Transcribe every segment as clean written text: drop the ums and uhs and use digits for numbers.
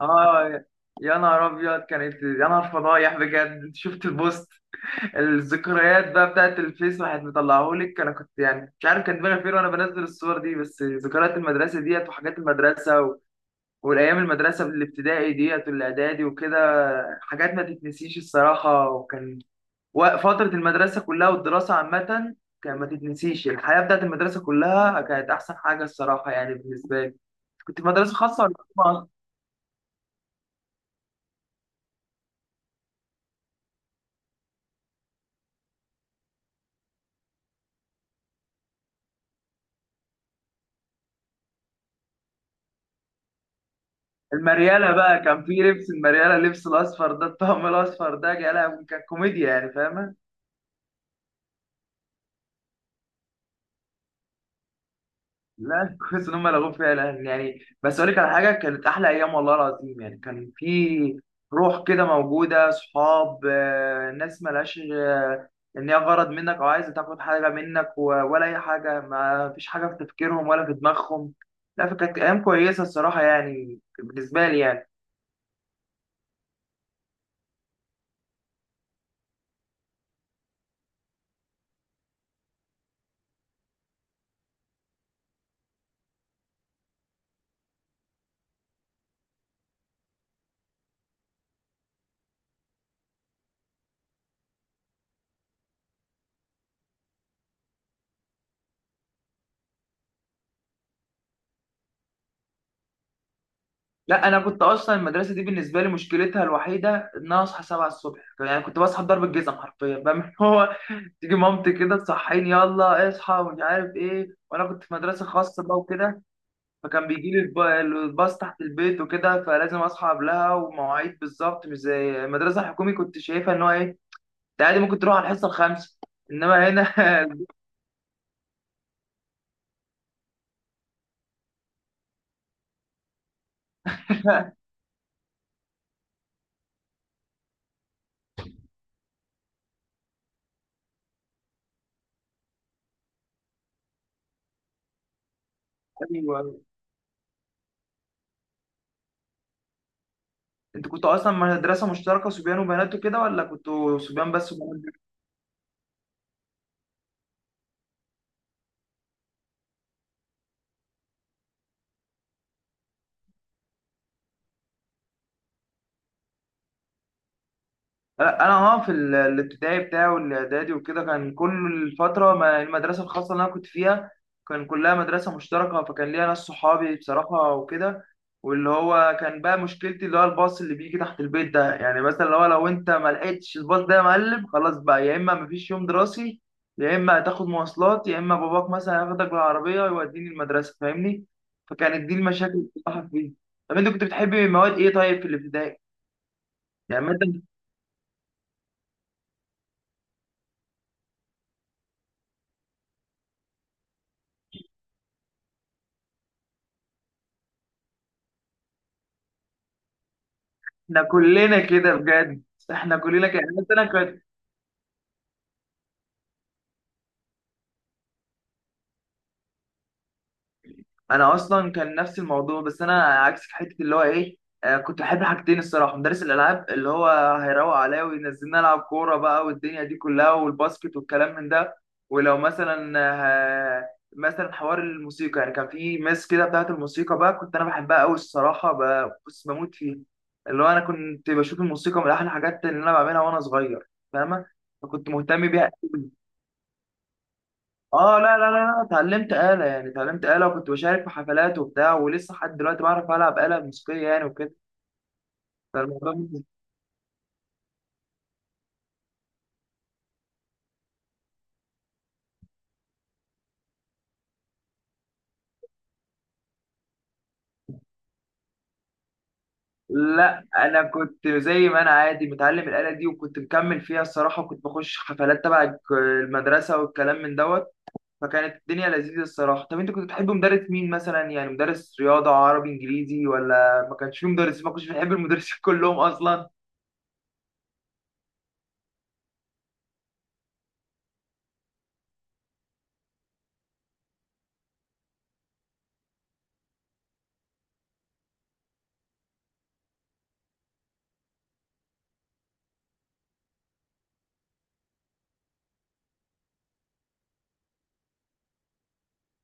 اه. يا نهار ابيض كانت، يا نهار فضايح بجد. شفت البوست الذكريات بقى بتاعت الفيس، واحد مطلعهولك؟ انا كنت يعني مش عارف كان دماغي فين وانا بنزل الصور دي، بس ذكريات المدرسه ديت وحاجات المدرسه والايام المدرسه الابتدائي ديت والاعدادي وكده. حاجات ما تتنسيش الصراحه. فتره المدرسه كلها والدراسه عامه كان ما تتنسيش. الحياه بتاعت المدرسه كلها كانت احسن حاجه الصراحه، يعني بالنسبه لي. كنت في مدرسه خاصه ولا؟ المريالة بقى، كان في لبس المريالة، اللبس الأصفر ده، الطقم الأصفر ده، يا لهوي كان كوميديا، يعني فاهمة؟ لا كويس إن هم لغوا فيها الآن، يعني بس أقول لك على حاجة، كانت أحلى أيام والله العظيم، يعني كان في روح كده موجودة، صحاب ناس ملهاش إن هي غرض منك أو عايزة تاخد حاجة منك ولا أي حاجة، ما فيش حاجة في تفكيرهم ولا في دماغهم، لا. فكانت أيام كويسة الصراحة، يعني بالنسبة لي يعني. لا انا كنت اصلا المدرسه دي بالنسبه لي مشكلتها الوحيده ان انا اصحى 7 الصبح، يعني كنت بصحى بضرب الجزم حرفيا بقى من هو تيجي مامتي كده تصحيني، يلا اصحى ومش عارف ايه. وانا كنت في مدرسه خاصه بقى وكده، فكان بيجي لي الباص تحت البيت وكده، فلازم اصحى قبلها، ومواعيد بالظبط، مش زي المدرسه الحكومي كنت شايفها ان هو ايه، انت عادي ممكن تروح على الحصه الخامسه. انما هنا. ايوه انت كنت اصلا مدرسه مشتركه صبيان وبنات وكده، ولا كنتوا صبيان بس وبنات؟ انا اه الابتدائي بتاعي والاعدادي وكده، كان كل الفتره ما المدرسه الخاصه اللي انا كنت فيها، كان كلها مدرسه مشتركه، فكان ليا ناس صحابي بصراحه وكده. واللي هو كان بقى مشكلتي، اللي هو الباص اللي بيجي تحت البيت ده، يعني مثلا لو انت ما لقيتش الباص ده يا معلم، خلاص بقى يا اما مفيش يوم دراسي، يا اما هتاخد مواصلات، يا اما باباك مثلا هياخدك بالعربيه ويوديني المدرسه، فاهمني؟ فكانت دي المشاكل اللي بصراحه فيه. طب انت كنت بتحبي مواد ايه طيب في الابتدائي؟ يعني مثلا. احنا كلنا كده بجد، احنا كلنا كده بس انا كنت، انا اصلا كان نفس الموضوع، بس انا عكسك في حته، اللي هو ايه، آه كنت بحب حاجتين الصراحه، مدرس الالعاب اللي هو هيروق عليا وينزلنا العب كوره بقى والدنيا دي كلها والباسكت والكلام من ده. ولو مثلا، آه، مثلا حوار الموسيقى، يعني كان في مس كده بتاعت الموسيقى بقى، كنت انا بحبها قوي الصراحه، بص بموت فيها. اللي هو انا كنت بشوف الموسيقى من احلى الحاجات اللي انا بعملها وانا صغير، فاهمه، فكنت مهتم بيها. اه، لا لا لا لا، اتعلمت آلة، يعني اتعلمت آلة، وكنت بشارك في حفلات وبتاع، ولسه لحد دلوقتي بعرف ألعب آلة موسيقية يعني وكده. فالموضوع مش- لا أنا كنت زي ما أنا عادي متعلم الآلة دي، وكنت مكمل فيها الصراحة، وكنت بخش حفلات تبع المدرسة والكلام من دوت. فكانت الدنيا لذيذة الصراحة. طب أنت كنت بتحب مدرس مين مثلا؟ يعني مدرس رياضة عربي إنجليزي، ولا ما كانش فيه مدرسين، ما كنتش بتحب المدرسين كلهم أصلا؟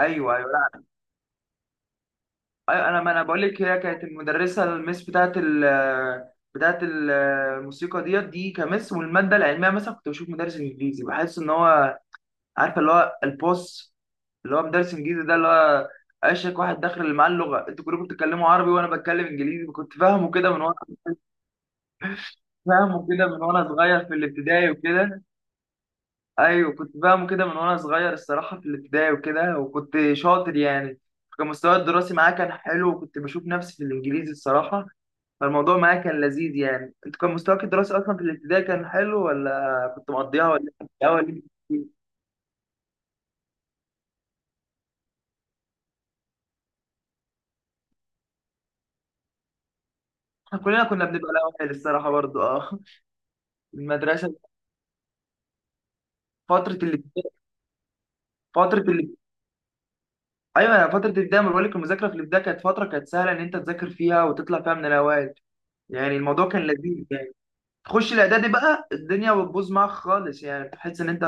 أيوه، ايوه، انا ما انا بقول لك هي كانت المدرسه، المس بتاعت بتاعت ال- الموسيقى ديت، دي كمس. والماده العلميه مثلا، كنت بشوف مدرس انجليزي بحس ان هو، عارفه اللي هو البوس، اللي هو مدرس انجليزي ده، اللي هو اشك واحد داخل اللي معاه اللغه، انتوا كلكم بتتكلموا عربي وانا بتكلم انجليزي، كنت فاهمه كده من وانا صغير في الابتدائي وكده. ايوه كنت فاهمه كده من وانا صغير الصراحه في الابتدائي وكده، وكنت شاطر يعني، كان مستواي الدراسي معاه كان حلو، وكنت بشوف نفسي في الانجليزي الصراحه. فالموضوع معايا كان لذيذ يعني. انت كان مستواك الدراسي اصلا في الابتدائي كان حلو، ولا كنت مقضيها ولا؟ الاول؟ احنا كلنا كنا بنبقى الاول الصراحه برضو، اه. المدرسه، فتره الابتدائي، فتره ال... ايوه أنا فتره الابتدائي ما بقولك، المذاكره في الابتدائي كانت فتره كانت سهله ان انت تذاكر فيها وتطلع فيها من الاوائل، يعني الموضوع كان لذيذ يعني. تخش الاعدادي بقى الدنيا بتبوظ معاك خالص، يعني تحس ان انت،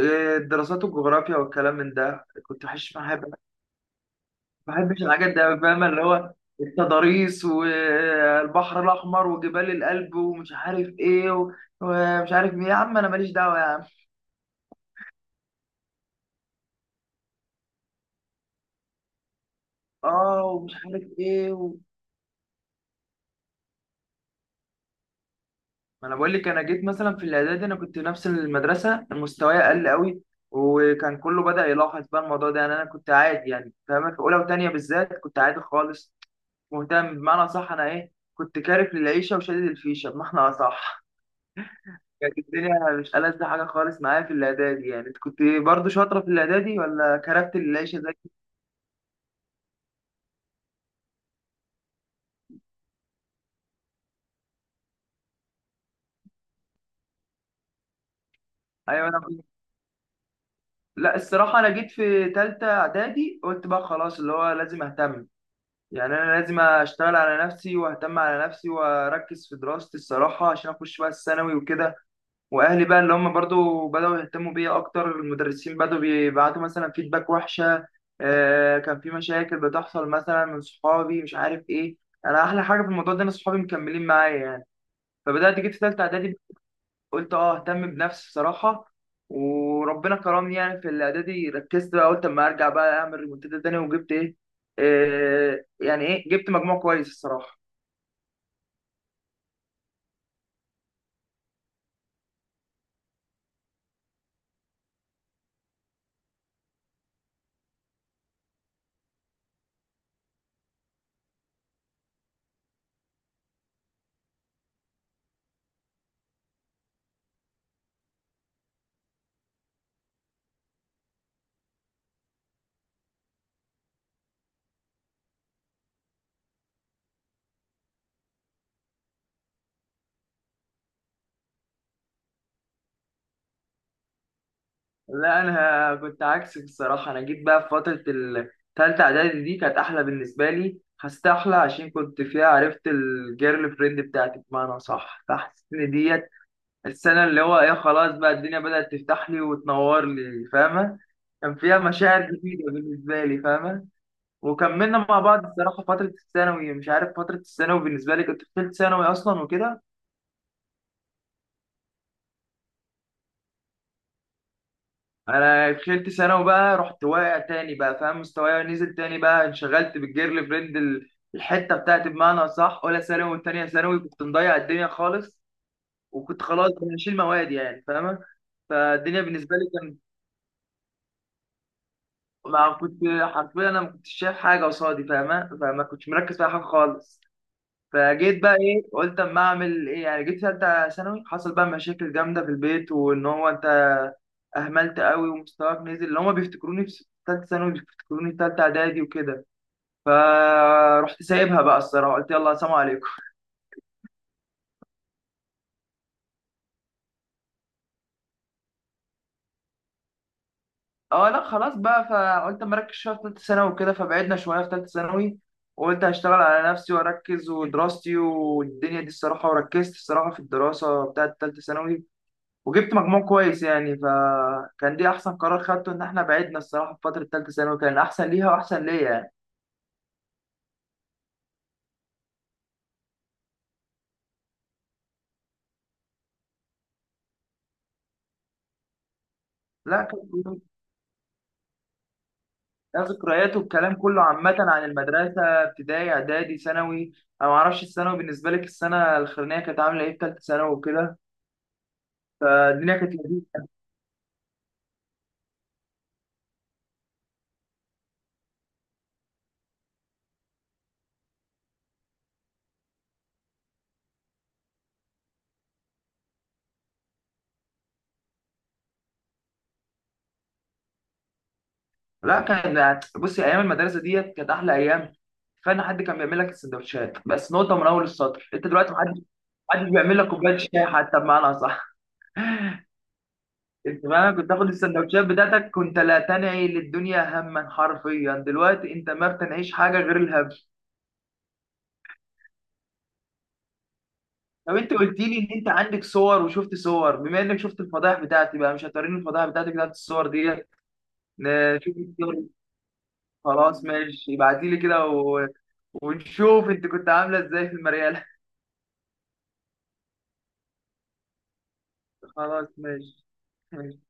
الدراسات والجغرافيا والكلام من ده كنت وحش معايا. ما بحبش الحاجات دي أوي، فاهمة اللي هو التضاريس والبحر الأحمر وجبال الألب ومش عارف إيه ومش عارف إيه يا عم، أنا ماليش دعوة يا عم. آه ومش عارف إيه ما أنا بقول لك، أنا جيت مثلا في الإعدادي، أنا كنت نفس المدرسة مستواي أقل أوي، وكان كله بدأ يلاحظ بقى الموضوع ده، يعني أنا كنت عادي يعني فاهمة، في أولى وتانية بالذات كنت عادي خالص، مهتم بمعنى صح. أنا إيه كنت كارف للعيشة وشادد الفيشة بمعنى أصح. كانت الدنيا مش ألذ حاجة خالص معايا في الإعدادي، يعني أنت كنت برضو شاطرة في الإعدادي، ولا كرفت العيشة زي؟ أيوة أنا كنت، لا الصراحة أنا جيت في تالتة إعدادي قلت بقى خلاص، اللي هو لازم أهتم، يعني أنا لازم أشتغل على نفسي وأهتم على نفسي وأركز في دراستي الصراحة، عشان أخش بقى الثانوي وكده. وأهلي بقى اللي هم برضو بدأوا يهتموا بيا أكتر، المدرسين بدأوا بيبعتوا مثلا فيدباك وحشة، كان في مشاكل بتحصل مثلا من صحابي، مش عارف إيه. أنا أحلى حاجة في الموضوع ده إن صحابي مكملين معايا يعني. فبدأت جيت في تالتة إعدادي قلت أه أهتم بنفسي بصراحة، وربنا كرمني يعني. في الإعدادي ركزت بقى، قلت أما أرجع بقى أعمل ريمونتادا تاني، وجبت إيه، إيه يعني إيه، جبت مجموع كويس الصراحة. لا أنا كنت عكسك الصراحة، أنا جيت بقى في فترة التالتة إعدادي دي كانت أحلى بالنسبة لي، حسيت أحلى عشان كنت فيها عرفت الجيرل فريند بتاعتي بمعنى صح. فحسيت إن ديت السنة اللي هو ايه، خلاص بقى الدنيا بدأت تفتح لي وتنور لي، فاهمة. كان فيها مشاعر جديدة بالنسبة لي فاهمة. وكملنا مع بعض الصراحة فترة الثانوي، مش عارف فترة الثانوي بالنسبة لي، كنت في تالت ثانوي أصلا وكده. أنا دخلت ثانوي بقى رحت واقع تاني بقى فاهم، مستواي نزل تاني بقى، انشغلت بالجيرل فريند الحتة بتاعتي بمعنى صح، أولى ثانوي وتانية ثانوي كنت مضيع الدنيا خالص، وكنت خلاص بقى هشيل مواد يعني فاهمة. فالدنيا بالنسبة لي، ما كنت حرفيا، انا ما كنتش شايف حاجه قصادي فاهمه، فما كنتش مركز في أي حاجه خالص. فجيت بقى ايه قلت اما اعمل ايه، يعني جيت ثالثه ثانوي حصل بقى مشاكل جامده في البيت، وان هو انت اهملت قوي ومستواك نزل، اللي هما بيفتكروني في ثالثه ثانوي بيفتكروني في ثالثه اعدادي وكده. فرحت سايبها بقى الصراحه، قلت يلا سلام عليكم. اه لا خلاص بقى، فقلت مركز شويه في ثالثه ثانوي وكده، فبعدنا شويه في ثالثه ثانوي، وقلت هشتغل على نفسي واركز ودراستي والدنيا دي الصراحه، وركزت الصراحه في الدراسه بتاعه ثالثه ثانوي، وجبت مجموع كويس يعني. فكان دي احسن قرار خدته، ان احنا بعدنا الصراحه في فتره ثالثه ثانوي كان احسن ليها واحسن ليا يعني. لا كان لها ذكريات والكلام كله عامه عن المدرسه، ابتدائي اعدادي ثانوي. انا ما اعرفش الثانوي بالنسبه لك السنه الاخرانيه كانت عامله ايه، في ثالثه ثانوي وكده. فالدنيا كانت لذيذه. لا كان بصي، ايام المدرسه ديت كانت احلى ايام. كفايه ان حد كان بيعمل لك السندوتشات، بس نقطه من اول السطر، انت دلوقتي محدش بيعمل لك كوبايه شاي حتى، بمعنى صح. انت فاهم، كنت تاخد السندوتشات بتاعتك، كنت لا تنعي للدنيا. هما حرفيا دلوقتي انت ما بتنعيش حاجه غير الهم. طب انت قلت لي ان انت عندك صور، وشفت صور، بما انك شفت الفضائح بتاعتي بقى، مش هتوريني الفضائح بتاعتك بتاعت الصور ديت؟ نشوف الصور. خلاص ماشي، ابعتي لي كده ونشوف انت كنت عامله ازاي في المريال. خلاص ماشي. ماشي.